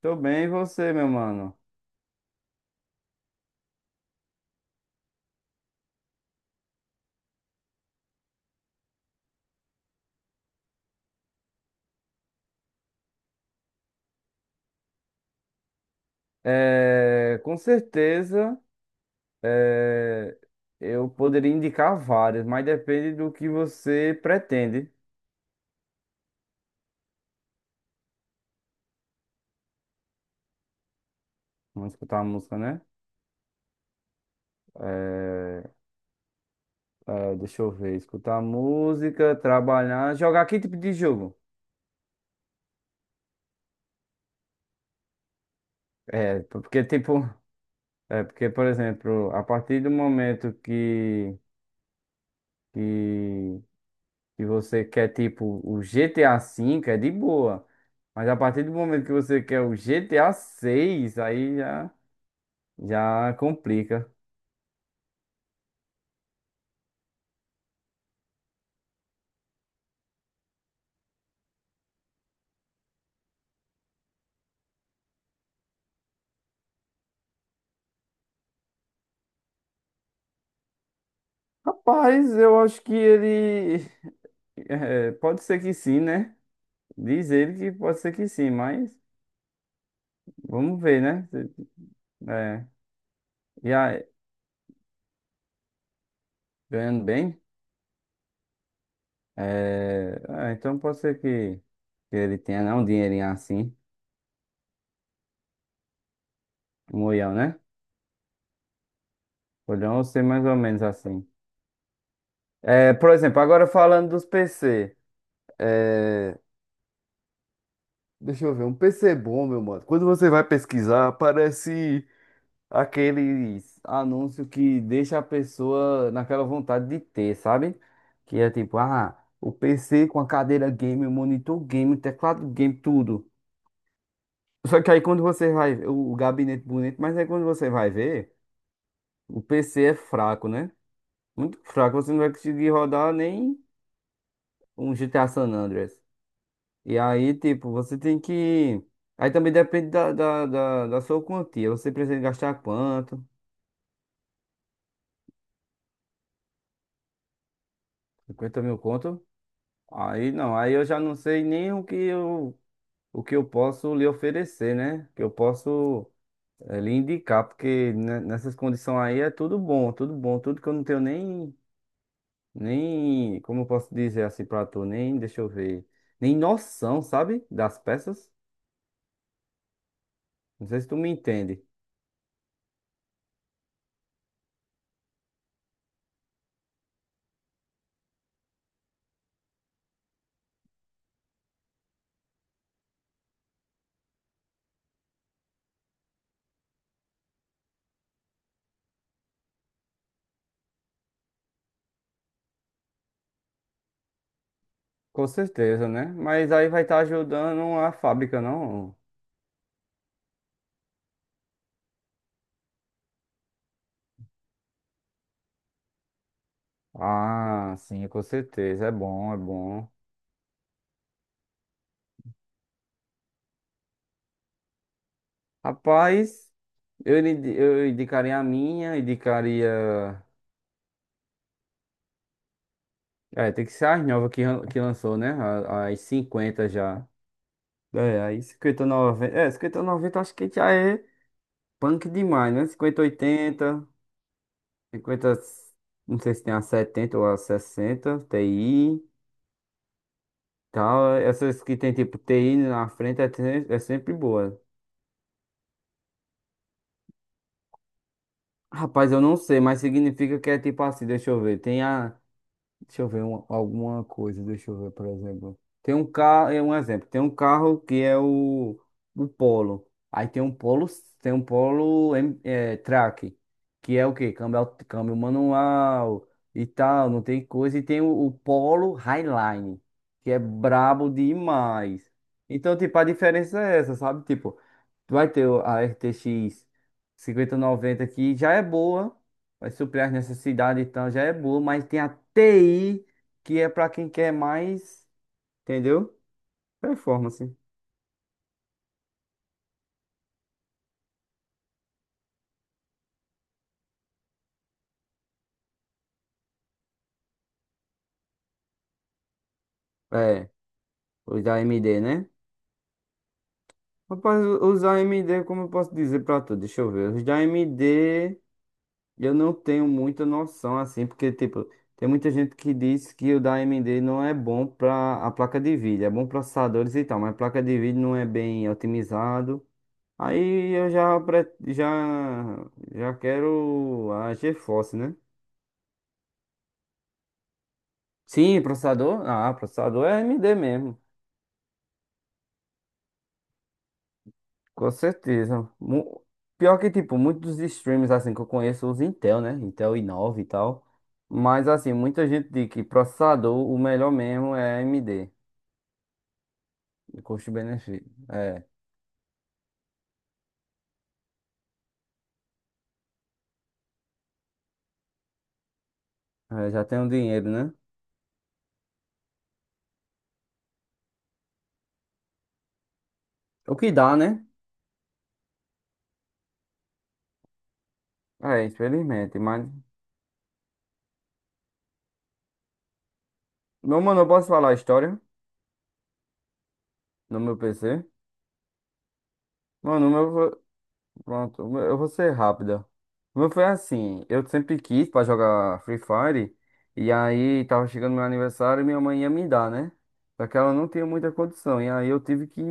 Tô bem, e você, meu mano? Com certeza, é, eu poderia indicar várias, mas depende do que você pretende. Vamos escutar a música, né? É, Deixa eu ver, escutar música, trabalhar, jogar que tipo de jogo? É, porque tipo, é porque, por exemplo, a partir do momento que e você quer tipo o GTA V, é de boa. Mas a partir do momento que você quer o GTA seis, aí já complica. Rapaz, eu acho que ele. Pode ser que sim, né? Diz ele que pode ser que sim, mas vamos ver, né? Se- É, e aí, ganhando bem? É, então pode ser que ele tenha, não, um dinheirinho assim, um olhão, né? Olhão ou ser mais ou menos assim. Por exemplo, agora falando dos PC. É, Deixa eu ver, um PC bom, meu mano. Quando você vai pesquisar, aparece aqueles anúncios que deixa a pessoa naquela vontade de ter, sabe? Que é tipo, ah, o PC com a cadeira game, o monitor game, o teclado game, tudo. Só que aí quando você vai, o gabinete bonito, mas aí quando você vai ver, o PC é fraco, né? Muito fraco, você não vai conseguir rodar nem um GTA San Andreas. E aí, tipo, você tem que. Aí também depende da sua quantia. Você precisa gastar quanto? 50 mil conto? Aí não, aí eu já não sei nem o que eu posso lhe oferecer, né? Que eu posso lhe indicar, porque nessas condições aí é tudo bom, tudo bom, tudo que eu não tenho nem, como eu posso dizer assim pra tu, nem, deixa eu ver, nem noção, sabe? Das peças. Não sei se tu me entende. Com certeza, né? Mas aí vai estar ajudando a fábrica, não? Ah, sim, com certeza. É bom, é bom. Rapaz, eu indicaria a minha, indicaria. Tem que ser as novas que lançou, né? As 50 já. Aí 5090. 5090, acho que já é punk demais, né? 5080, cinquenta. Não sei se tem a 70 ou a 60 TI. Tal, essas que tem tipo TI na frente é sempre boa. Rapaz, eu não sei, mas significa que é tipo assim, deixa eu ver, tem a, deixa eu ver alguma coisa, deixa eu ver, por exemplo. Tem um carro, é um exemplo, tem um carro que é o Polo. Aí tem um Polo Track, que é o quê? Câmbio, câmbio manual e tal, não tem coisa. E tem o Polo Highline, que é brabo demais. Então, tipo, a diferença é essa, sabe? Tipo, tu vai ter a RTX 90 aqui, já é boa, vai suprir as necessidades e tal, já é boa, mas tem a TI, que é pra quem quer mais, entendeu? Performance. É, os da AMD, né? Rapaz, os da AMD, como eu posso dizer pra tu? Deixa eu ver. Os da AMD, eu não tenho muita noção assim, porque, tipo, tem muita gente que diz que o da AMD não é bom pra a placa de vídeo, é bom processadores e tal, mas a placa de vídeo não é bem otimizado. Aí eu já quero a GeForce, né? Sim, processador. Ah, processador é AMD mesmo. Com certeza. Pior que, tipo, muitos streams assim que eu conheço usam Intel, né? Intel i9 e tal. Mas, assim, muita gente diz que processador, o melhor mesmo é AMD. De custo-benefício. É, Já tem o dinheiro, né? O que dá, né? É, infelizmente. Mas, meu mano, eu posso falar a história no meu PC? Mano, pronto, eu vou ser rápida. O meu foi assim, eu sempre quis pra jogar Free Fire, e aí tava chegando meu aniversário e minha mãe ia me dar, né? Só que ela não tinha muita condição, e aí eu tive que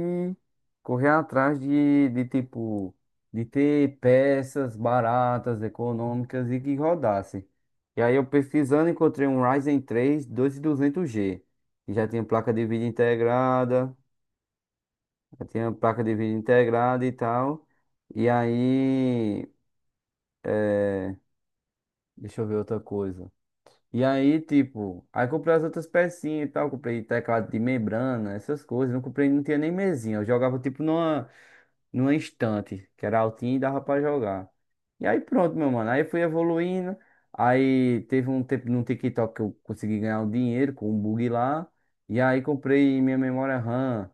correr atrás de ter peças baratas, econômicas e que rodasse. E aí eu pesquisando encontrei um Ryzen 3 2200 g que já tinha placa de vídeo integrada, já tinha placa de vídeo integrada e tal. E aí é, deixa eu ver outra coisa. E aí, tipo, aí comprei as outras pecinhas e tal. Comprei teclado de membrana, essas coisas. Não comprei, não tinha nem mesinha. Eu jogava, tipo, numa estante, que era altinha e dava pra jogar. E aí, pronto, meu mano. Aí fui evoluindo. Aí teve um tempo no TikTok que eu consegui ganhar um dinheiro com um bug lá. E aí comprei minha memória RAM,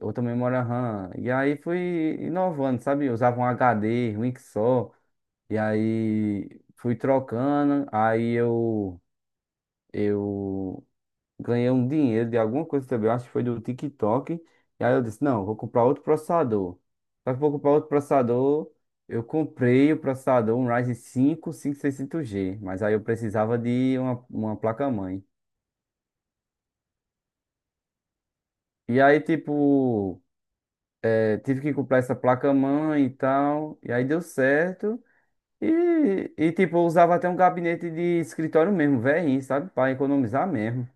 outra memória RAM. E aí fui inovando, sabe? Eu usava um HD, ruim que só. E aí fui trocando, aí eu ganhei um dinheiro de alguma coisa também, eu acho que foi do TikTok. E aí eu disse, não, vou comprar outro processador. Só que vou comprar outro processador, eu comprei o processador, um Ryzen 5 5600G, mas aí eu precisava de uma placa-mãe. E aí, tipo, tive que comprar essa placa-mãe e tal, e aí deu certo. Tipo, eu usava até um gabinete de escritório mesmo, velhinho, sabe? Para economizar mesmo.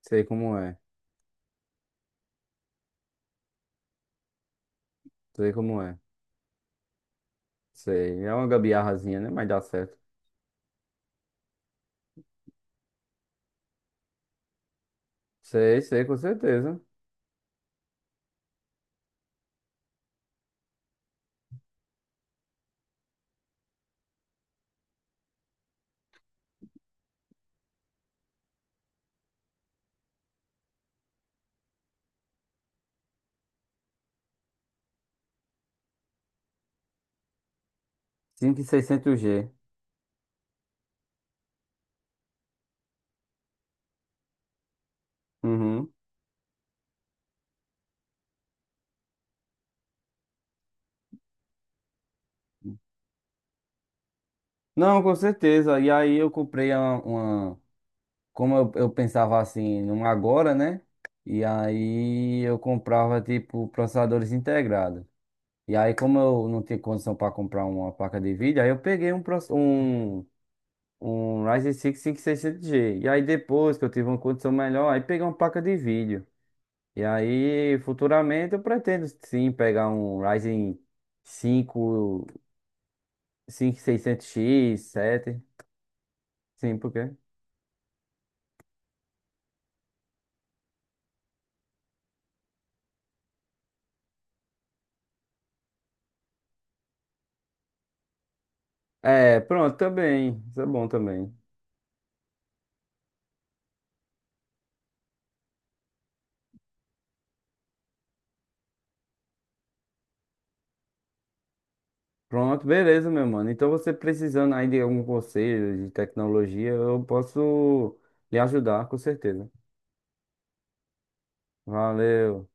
Sei como é, sei como é. Sei, é uma gambiarrazinha, né? Mas dá certo. Sei, sei, com certeza. 5600G. Uhum. Não, com certeza. E aí eu comprei como eu pensava assim, num agora, né? E aí eu comprava tipo processadores integrados. E aí como eu não tinha condição para comprar uma placa de vídeo, aí eu peguei um Ryzen 6 5600G. E 600G. E aí depois que eu tive uma condição melhor, aí peguei uma placa de vídeo. E aí, futuramente eu pretendo sim pegar um Ryzen 5, 600 x 7. Sim, por quê? É, pronto, também. Isso é bom também. Pronto, beleza, meu mano. Então você precisando aí de algum conselho de tecnologia, eu posso lhe ajudar, com certeza. Valeu.